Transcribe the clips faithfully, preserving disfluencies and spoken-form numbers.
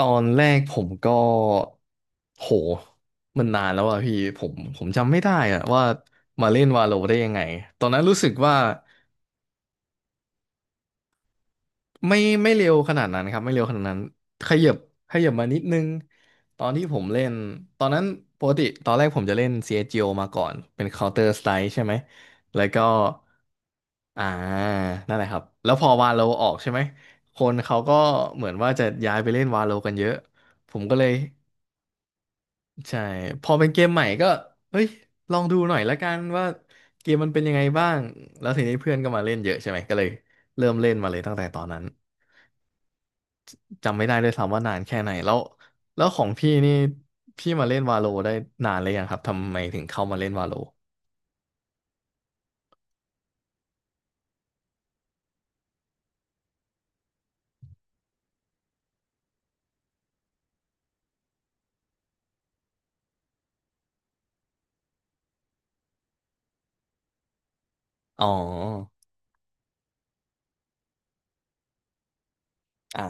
ตอนแรกผมก็โหมันนานแล้วอะพี่ผมผมจำไม่ได้อะว่ามาเล่นวาโลได้ยังไงตอนนั้นรู้สึกว่าไม่ไม่เร็วขนาดนั้นครับไม่เร็วขนาดนั้นขยับขยับมานิดนึงตอนที่ผมเล่นตอนนั้นปกติตอนแรกผมจะเล่น ซี เอส จี โอ มาก่อนเป็น Counter Strike ใช่ไหมแล้วก็อ่านั่นแหละครับแล้วพอวาโลออกใช่ไหมคนเขาก็เหมือนว่าจะย้ายไปเล่นวาโลกันเยอะผมก็เลย ใช่พอเป็นเกมใหม่ก็เฮ้ยลองดูหน่อยละกันว่าเกมมันเป็นยังไงบ้างแล้วทีนี้เพื่อนก็มาเล่นเยอะใช่ไหมก็เลยเริ่มเล่นมาเลยตั้งแต่ตอนนั้นจำไม่ได้ด้วยซ้ำว่านานแค่ไหนแล้วแล้วของพี่นี่พี่มาเล่นวาโลได้นานเลยยังครับทำไมถึงเข้ามาเล่นวาโลอ๋ออ่า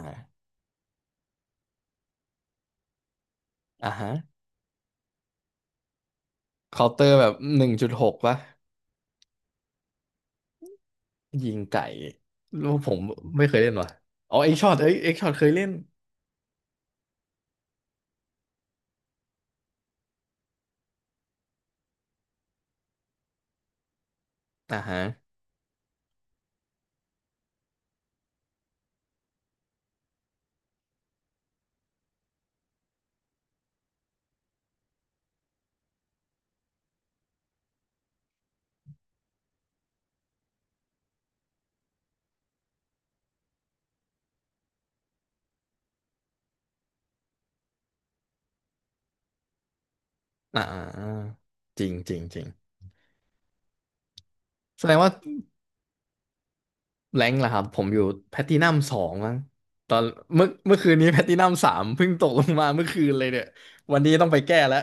อ่าฮะเคาน์เตอร์แบบหนึ่งจุดหกปะยิงไก่รู้ผมไม่เคยเล่นว่ะอ๋อเอ็กช็อตเอ้ยเอ็กช็อตเคยเล่นอ่าฮะอ่าจริงจริงจริงแสดงว่า แรงค์ล่ะครับผมอยู่แพลตินัมสองมั้งตอนเมื่อเมื่อคืนนี้ แพลตินัมสามเพิ่งตกลงมาเมื่อคืนเลยเนี่ยวันนี้ต้องไปแก้แล้ว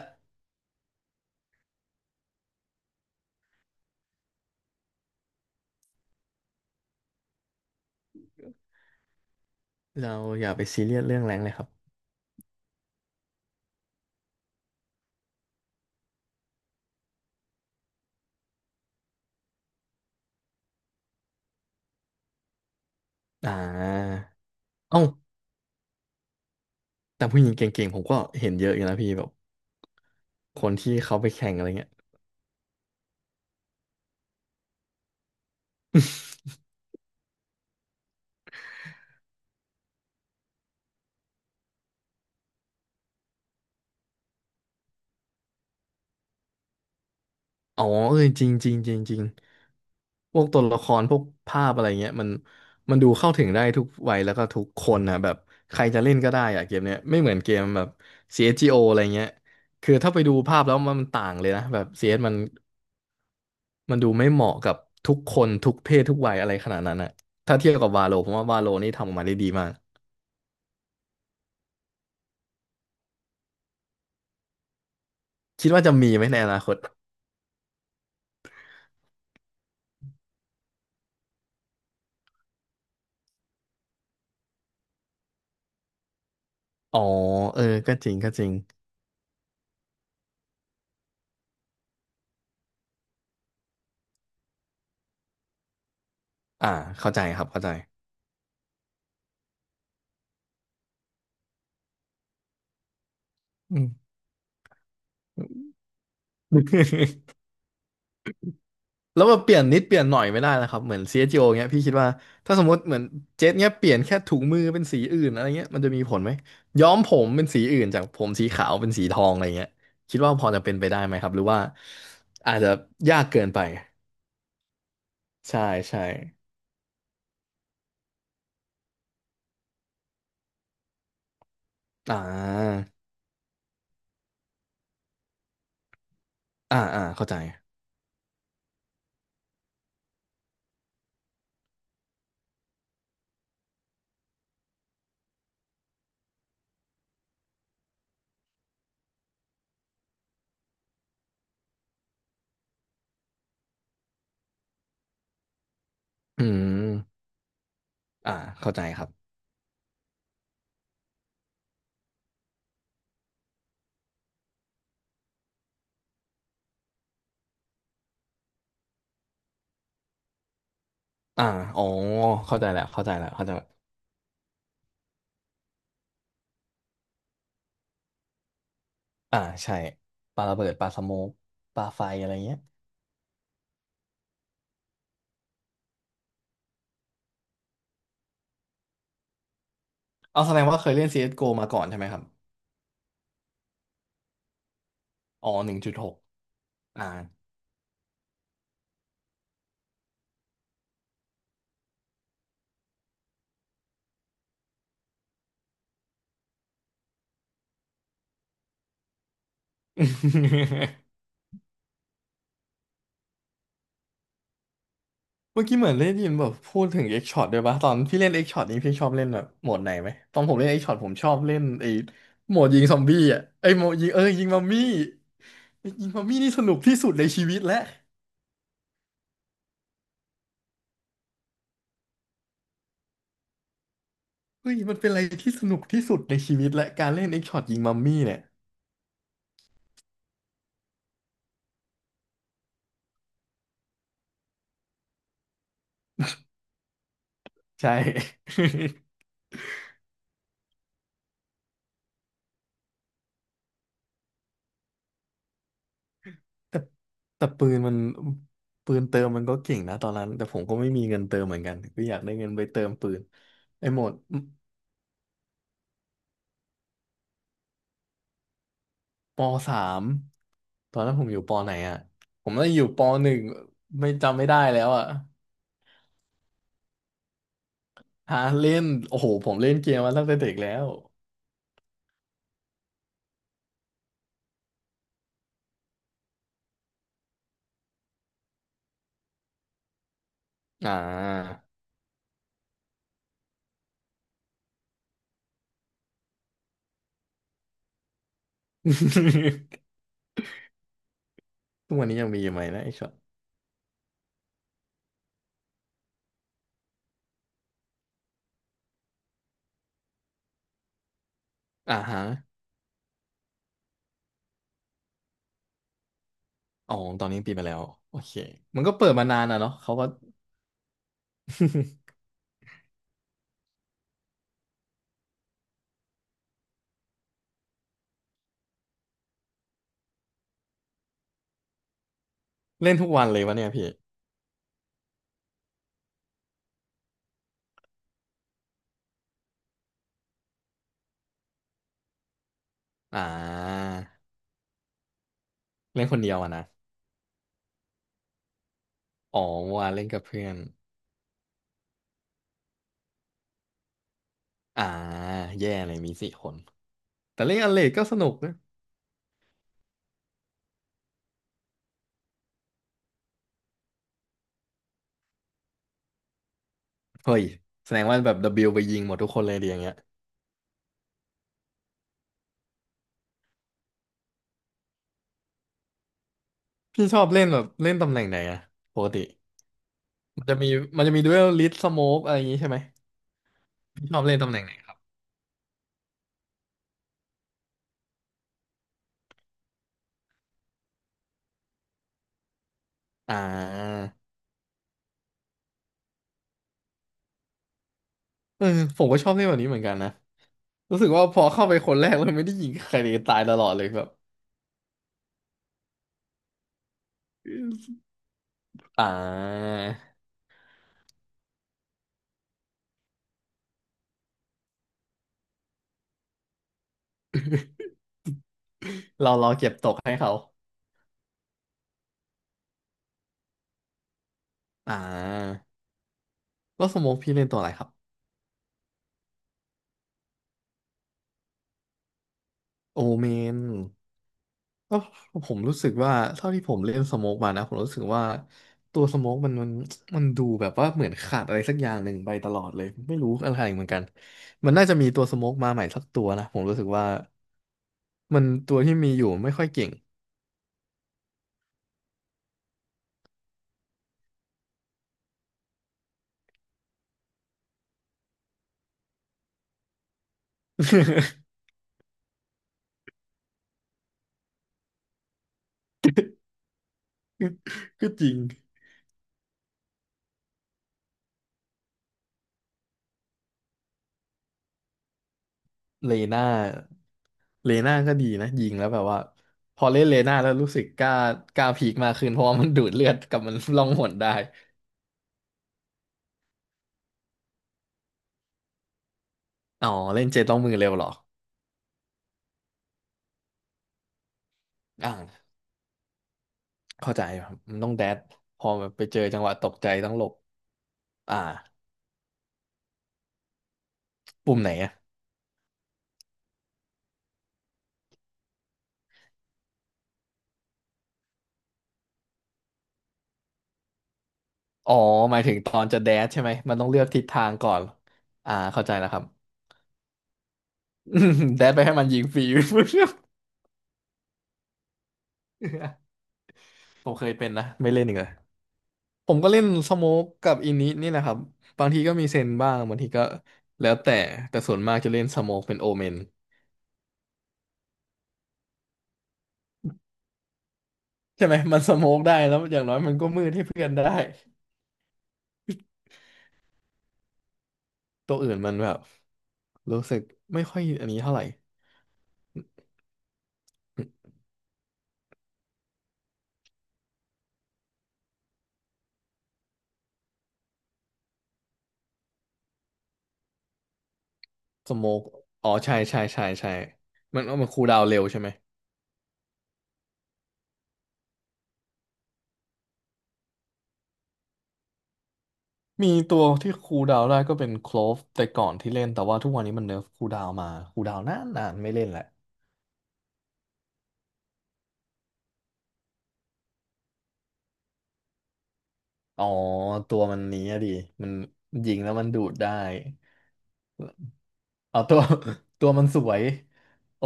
เราอย่าไปซีเรียสเรื่องแรงค์เลยครับอ่าเอ้าแต่ผู้หญิงเก่งๆผมก็เห็นเยอะอยู่นะพี่แบบคนที่เขาไปแข่งอะไรเงี้ย อ๋อเออจริงจริงจริงจริงพวกตัวละครพวกภาพอะไรเงี้ยมันมันดูเข้าถึงได้ทุกวัยแล้วก็ทุกคนนะแบบใครจะเล่นก็ได้อะเกมเนี้ยไม่เหมือนเกมแบบ ซี เอส จี โอ อสจีโออะไรเงี้ยคือถ้าไปดูภาพแล้วมันต่างเลยนะแบบ ซี เอส มันมันดูไม่เหมาะกับทุกคนทุกเพศทุกวัยอะไรขนาดนั้นอะถ้าเทียบกับวาโลผมว่าวาโลนี่ทำออกมาได้ดีมากคิดว่าจะมีไหมในอนาคตอ๋อเออก็จริงก็จริงอ่าเข้าใจครับเข้าใจอืม แล้วมาเปลี่ยนนิดเปลี่ยนหน่อยไม่ได้นะครับเหมือน ซี เอส โก เงี้ยพี่คิดว่าถ้าสมมติเหมือนเจ็ตเงี้ยเปลี่ยนแค่ถุงมือเป็นสีอื่นอะไรเงี้ยมันจะมีผลไหมย้อมผมเป็นสีอื่นจากผมสีขาวเป็นสีทองอะไรเงี้ยคิดว่าพอจะเป็นไปได้ไหมครับหรือว่าอาจจะยากเกินไปใช่ใช่อ่าอ่าอ่าเข้าใจอืมอ่าเข้าใจครับอ่าอ๋อเข้าใจแล้วเข้าใจแล้วเข้าใจแล้วอ่าใช่ปลาระเบิดปลาสโมกปลาไฟอะไรเงี้ยเอาแสดงว่าเคยเล่น ซี เอส จี โอ มาก่อนใช่ไหมครับอ๋อหนึ่งจุดหก อ่า เมื่อกี้เหมือนได้ยินแบบพูดถึงเอ็กช็อตด้วยปะตอนพี่เล่นเอ็กช็อตนี้พี่ชอบเล่นแบบโหมดไหนไหมตอนผมเล่นเอ็กช็อตผมชอบเล่นไอ้โหมดยิงซอมบี้อ่ะไอ้โหมดยิงเอ้ยยิงมัมมี่ยิงมัมมี่นี่สนุกที่สุดในชีวิตแล้วเฮ้ยมันเป็นอะไรที่สนุกที่สุดในชีวิตและการเล่นเอ็กช็อตยิงมัมมี่เนี่ยใช่ แต่ปืนมันปืนเติมมันก็เก่งนะตอนนั้นแต่ผมก็ไม่มีเงินเติมเหมือนกันก็อยากได้เงินไปเติมปืนไอ้โหมด ปสามตอนนั้นผมอยู่ปไหนอ่ะผมน่าจะอยู่ปหนึ่งไม่จำไม่ได้แล้วอ่ะหาเล่นโอ้โหผมเล่นเกมมาตั้งแต่เด็กแล้วอ่า ทุกวันนี้ยังมีอยู่ไหมนะไอ้ช็อตอ่าฮะอ๋อตอนนี้ปิดไปแล้วโอเคมันก็เปิดมานานอ่ะเนาะเขาก็ เล่นทุกวันเลยวะเนี่ยพี่อ่าเล่นคนเดียวอะนะอ๋อ่วานเล่นกับเพื่อนอ่าแย่เลยมีสี่คนแต่เล่นอันเลดก็สนุกนะเฮ้ยแสดงว่าแบบ ดับเบิลยู ไปยิงหมดทุกคนเลยดีอย่างเงี้ย พี่ชอบเล่นแบบเล่นตำแหน่งไหนอะปกติมันจะมีมันจะมีดูเอลลิสสโมกอะไรอย่างงี้ใช่ไหมพี่ชอบเล่นตำแหน่งไหนครับอ่าเออผมก็ชอบเล่นแบบนี้เหมือนกันนะรู้สึกว่าพอเข้าไปคนแรกเลยไม่ได้ยิงใครเลยตายตลอดเลยแบบอ่าเราเราเก็บตกให้เขาอ่าแล้วสโมกพี่เล่นตัวอะไรครับโอเมน ก็ผมรู้สึกว่าเท่าที่ผมเล่นสโมกมานะผมรู้สึกว่าตัวสโมกมันมันมันดูแบบว่าเหมือนขาดอะไรสักอย่างหนึ่งไปตลอดเลยไม่รู้อะไรเหมือนกันมันน่าจะมีตัวสโมกมาใหม่สักตัวนะผมรู้สึกว่ามันตัวที่มีอยู่ไม่ค่อยเก่ง ก็จริงเลน่าเลน่าก็ดีนะยิงแล้วแบบว่าพอเล่นเลน่าแล้วรู้สึกกล้ากล้าพีคมากขึ้นเพราะว่ามันดูดเลือดกับมันล่องหนได้อ๋อเล่นเจต้องมือเร็วเหรออ่า เข้าใจครับ มันต้องแดดพอแบบไปเจอจังหวะตกใจต้องหลบอ่าปุ่มไหนอะอ๋อหมายถึงตอนจะแดดใช่ไหมมันต้องเลือกทิศทางก่อนอ่าเข้าใจแล้วครับ แดดไปให้มันยิงฟรี ผมเคยเป็นนะ ไม่เล่นอีกเลย ผมก็เล่นสโมกกับอินินี่แหละครับ บางทีก็มีเซนบ้าง บางทีก็ แล้วแต่ แต่ส่วนมากจะเล่นสโมกเป็นโอเมนใช่ไหมมันสโมกได้แล้วอย่างน้อยมันก็มืดให้เพื่อนได้ตัวอื่นมันแบบรู้สึกไม่ค่อยอันนี้เท่าไหร่ สโมกอ๋อใช่ใช่ใช่ใช่มันมันคูลดาวน์เร็วใช่ไหมมีตัวที่คูลดาวน์ได้ก็เป็นโคลฟแต่ก่อนที่เล่นแต่ว่าทุกวันนี้มันเนิร์ฟคูลดาวน์มาคูลดาวน์นานนานไม่เล่นแหละอ๋อตัวมันนี้อะดิมันยิงแล้วมันดูดได้เอาตัว ตัวมันสวยโอ้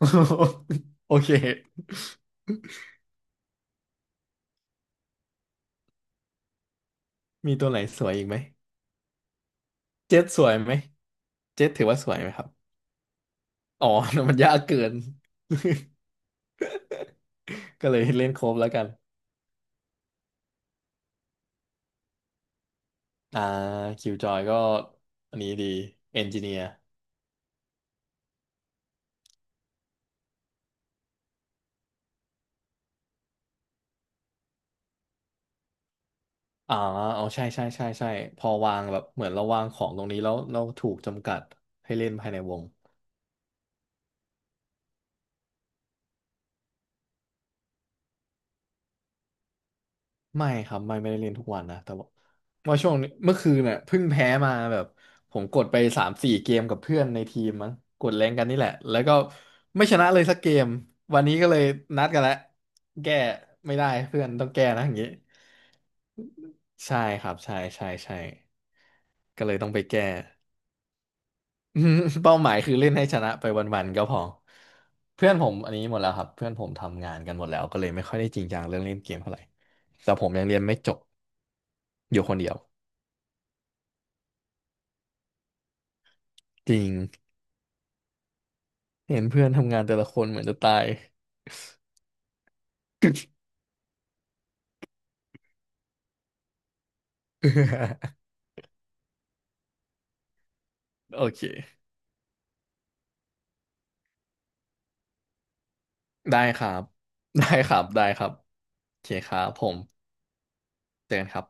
โอเคมีตัวไหนสวยอีกไหมเจ็ตสวยไหมเจ็ตถือว่าสวยไหมครับอ๋อ มันยากเกิน ก็เลยเล่นโครบแล้วกัน อ่าคิวจอยก็อันนี้ดีเอนจิเนียร์อ๋อเอาใช่ใช่ใช่ใช่พอวางแบบเหมือนเราวางของตรงนี้แล้วเราถูกจำกัดให้เล่นภายในวงไม่ครับไม่ไม่ได้เล่นทุกวันนะแต่ว่าว่าช่วงนี้เมื่อคืนเนี่ยเพิ่งแพ้มาแบบผมกดไปสามสี่เกมกับเพื่อนในทีมมั้งกดแรงกันนี่แหละแล้วก็ไม่ชนะเลยสักเกมวันนี้ก็เลยนัดกันแล้วแก้ไม่ได้เพื่อนต้องแก้นะอย่างงี้ใช่ครับใช่ใช่ใช่ก็เลยต้องไปแก้ อืมเป้าหมายคือเล่นให้ชนะไปวันๆก็พอเพื่อนผมอันนี้หมดแล้วครับเพื่อนผมทำงานกันหมดแล้วก็เลยไม่ค่อยได้จริงจังเรื่องเล่นเกมเท่าไหร่แต่ผมยังเรียนไม่จบอยู่คนเดียวจริงเห็นเพื่อนทำงานแต่ละคนเหมือนจะตาย โอเคได้ครับได้ครับได้ครับโอเคครับผมเจอกันครับ